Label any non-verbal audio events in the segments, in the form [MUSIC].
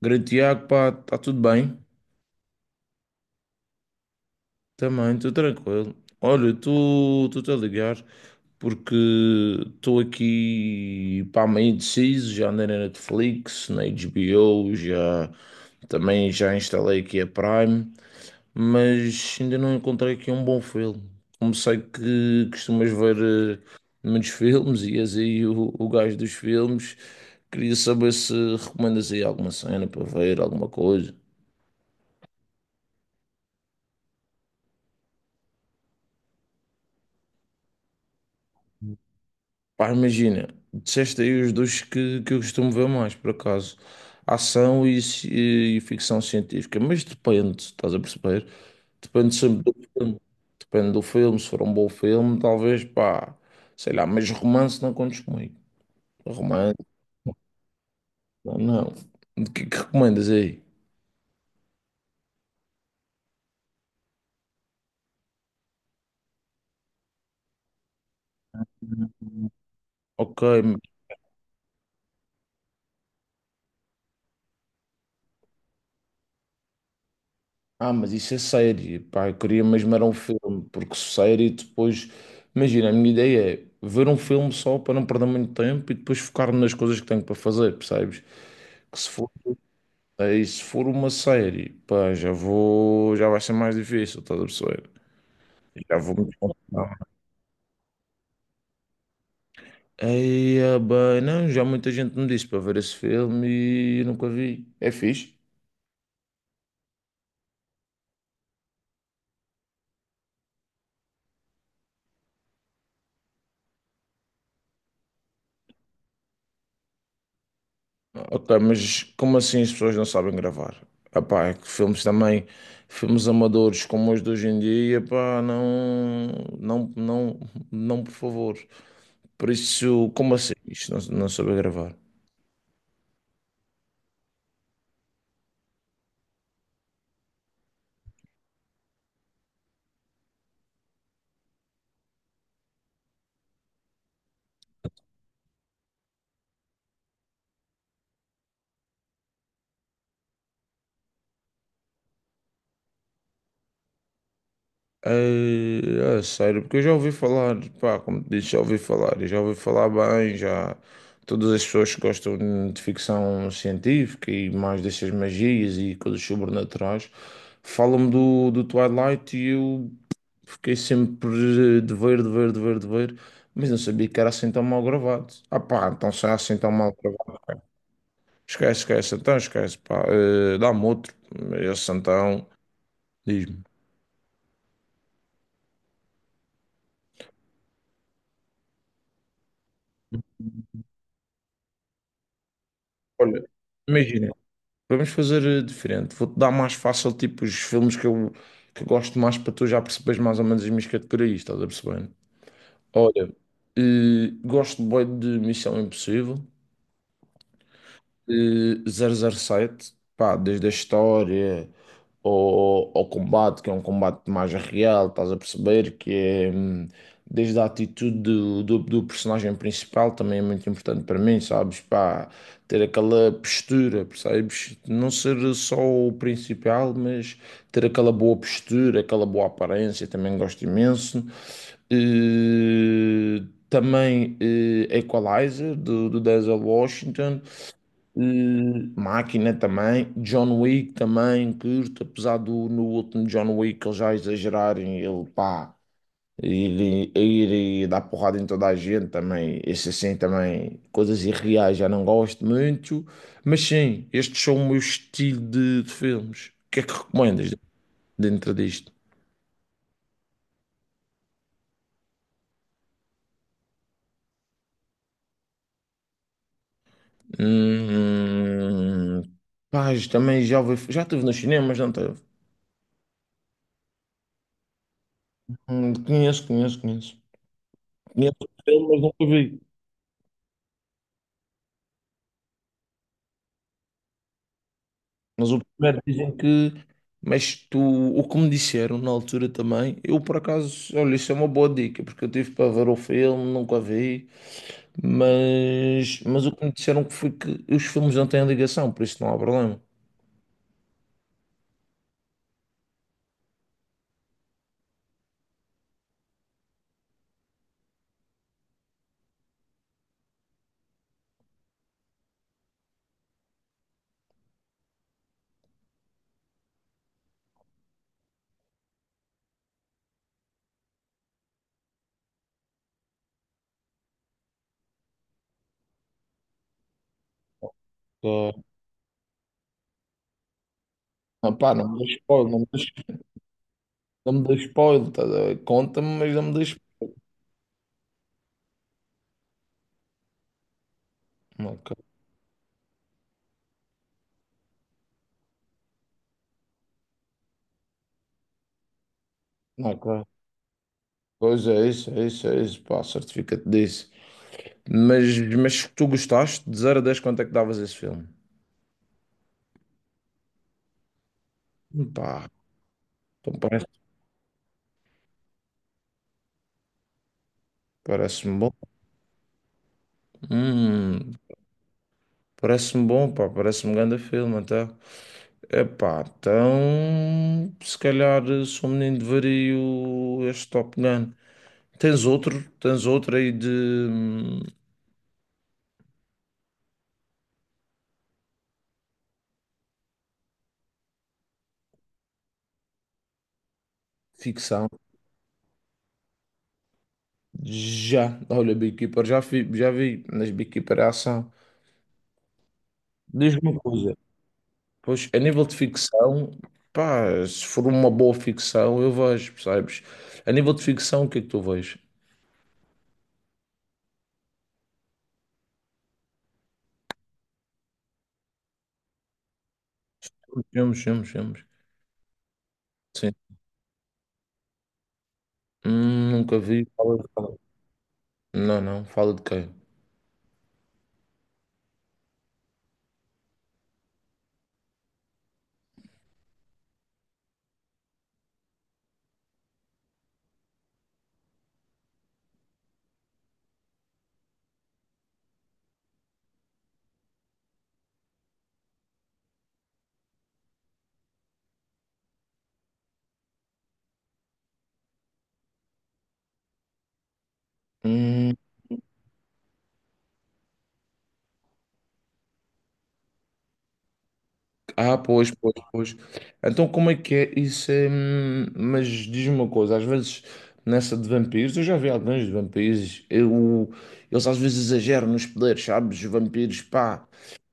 Grande Tiago, pá, está tudo bem? Também, estou tranquilo. Olha, tu a ligar porque estou aqui, pá, meio indeciso, já andei na Netflix, na HBO, já também já instalei aqui a Prime, mas ainda não encontrei aqui um bom filme. Como sei que costumas ver muitos [LAUGHS] filmes e és aí o gajo dos filmes, queria saber se recomendas aí alguma cena para ver, alguma coisa. Pá, imagina, disseste aí os dois que eu costumo ver mais, por acaso. Ação e ficção científica. Mas depende, estás a perceber? Depende sempre do filme. Depende do filme, se for um bom filme, talvez, pá, sei lá, mas romance não contes comigo. Romance, não. Não. O que é que recomendas aí? Ok. Ah, mas isso é série, pá, eu queria mesmo era um filme, porque série depois, imagina, a minha ideia é ver um filme só para não perder muito tempo e depois focar-me nas coisas que tenho para fazer, percebes? Que se for, aí, se for uma série, pá, já vai ser mais difícil, estás a perceber? Já vou me desconcentrar. Aí, bem, não, já muita gente me disse para ver esse filme e eu nunca vi. É fixe? Ok, mas como assim as pessoas não sabem gravar? Epá, é que filmes também, filmes amadores como os de hoje em dia, epá, não, não, não, não, por favor. Por isso, como assim? Isto não saber gravar. É sério, porque eu já ouvi falar, pá, como te disse, já ouvi falar, e já ouvi falar bem, já todas as pessoas que gostam de ficção científica e mais dessas magias e coisas sobrenaturais falam do Twilight e eu fiquei sempre de ver, mas não sabia que era assim tão mal gravado. Ah pá, então se é assim tão mal gravado. Esquece, esquece, então esquece, pá. Dá-me outro. Esse então, diz-me. Olha, imagina, vamos fazer diferente. Vou-te dar mais fácil, tipo, os filmes que eu gosto mais para tu já perceberes mais ou menos as minhas categorias, estás a perceber? Olha, gosto bem de Missão Impossível. 007, pá, desde a história ao combate, que é um combate mais real, estás a perceber? Que é desde a atitude do personagem principal também é muito importante para mim, sabes? Pá, ter aquela postura, percebes? Não ser só o principal, mas ter aquela boa postura, aquela boa aparência, também gosto imenso. Eh, também Equalizer, do Denzel Washington. Máquina também, John Wick também, curto, apesar do no último John Wick eles já exagerarem, ele pá, ir e dar porrada em toda a gente também, esse assim também, coisas irreais, já não gosto muito, mas sim, estes são o meu estilo de filmes. O que é que recomendas dentro disto? Hum, Pá, isto também já estive nos cinemas, não teve? Conheço, conheço, conheço. Conheço o filme, mas nunca vi. Mas o primeiro dizem que. Mas tu, o que me disseram na altura também, eu por acaso, olha, isso é uma boa dica, porque eu tive para ver o filme, nunca vi, mas o que me disseram que foi que os filmes não têm ligação, por isso não há problema. Só- Ah, pá, não me dê spoiler, não me dê spoiler, tá, a conta-me, mas não me dê spoiler. Ok, ok. Pois é, isso, é isso, é isso, pá, certifica-te disso. Mas se tu gostaste, de 0 a 10 quanto é que davas esse filme? Pá, então parece-me bom. Hum, Parece-me bom, pá, parece-me um grande filme até. Epá, então se calhar sou um menino de vario este Top Gun. Tens outro? Tens outro aí de hum, ficção? Já, olha, Beekeeper, já vi, mas Beekeeper é ação. Diz-me uma coisa, pois a nível de ficção, pá, se for uma boa ficção, eu vejo, percebes? A nível de ficção, o que é que tu vês? Filmes, filmes, filmes. Sim. Nunca vi. Não, não, fala de quem? Hum, ah, pois, pois, pois. Então como é que é isso? Mas diz-me uma coisa, às vezes nessa de vampiros, eu já vi alguns de vampiros, eles às vezes exageram nos poderes, sabes? Os vampiros, pá,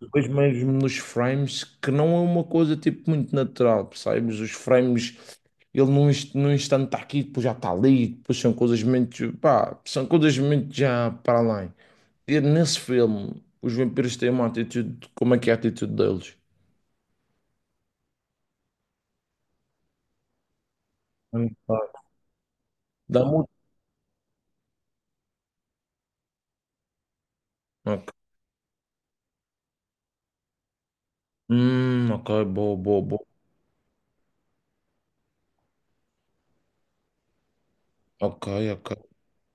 depois mesmo nos frames, que não é uma coisa tipo muito natural, percebes? Os frames, ele num instante está aqui, depois já está ali, depois são coisas muito, pá, são coisas muito já para além. E nesse filme, os vampiros têm uma atitude. Como é que é a atitude deles? Hum. Pá. Dá muito. Ok. Ok, boa, boa, boa. Ok, ok.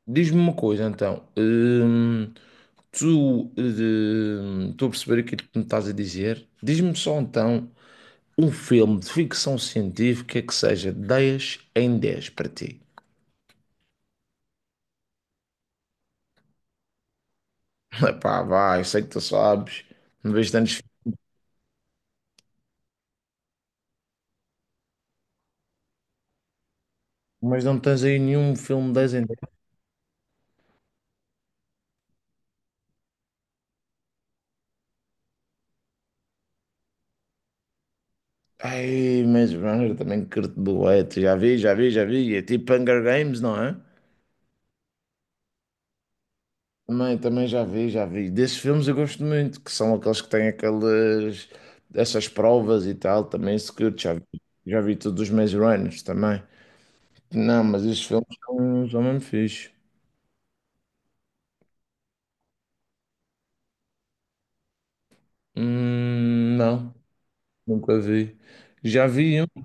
Diz-me uma coisa então. Tu. Estou a perceber aquilo que me estás a dizer. Diz-me só então um filme de ficção científica que seja 10 em 10 para ti. [LAUGHS] Epá, vai, eu sei que tu sabes. Não vejo tantos filmes, mas não tens aí nenhum filme 10 em Ai, Maze Runner também curto bué, tu já vi, já vi, já vi. É tipo Hunger Games, não é? Também, também já vi, já vi. Desses filmes eu gosto muito, que são aqueles que têm aquelas essas provas e tal, também se curto, já vi. Já vi todos os Maze Runners também. Não, mas esses filmes são mesmo fixe. Não, nunca vi. Já vi um.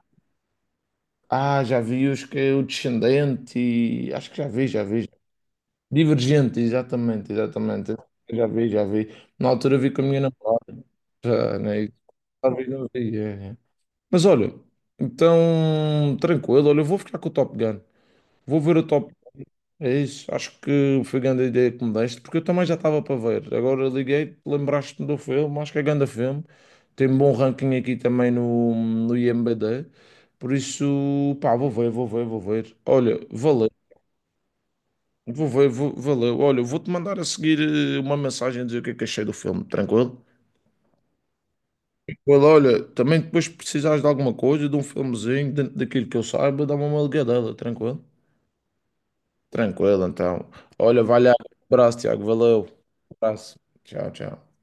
Ah, já vi os que é o Descendente e acho que já vi, já vi. Divergente, exatamente, exatamente. Eu já vi. Na altura vi com a minha namorada, já, né? E talvez não vi. É. Mas olha, então, tranquilo, olha, eu vou ficar com o Top Gun. Vou ver o Top Gun. É isso, acho que foi grande a grande ideia que me deste, porque eu também já estava para ver. Agora liguei, lembraste-me do filme, acho que é grande filme. Tem um bom ranking aqui também no IMDb. Por isso, pá, vou ver, vou ver, vou ver. Olha, valeu. Vou ver, vou, valeu. Olha, eu vou-te mandar a seguir uma mensagem a dizer o que é que achei do filme, tranquilo? Well, olha, também depois se precisares de alguma coisa, de um filmezinho, dentro daquilo que eu saiba, dá-me uma ligadela, tranquilo? Tranquilo, então. Olha, vai lá. Abraço, Tiago, valeu. Um abraço. Tchau, tchau.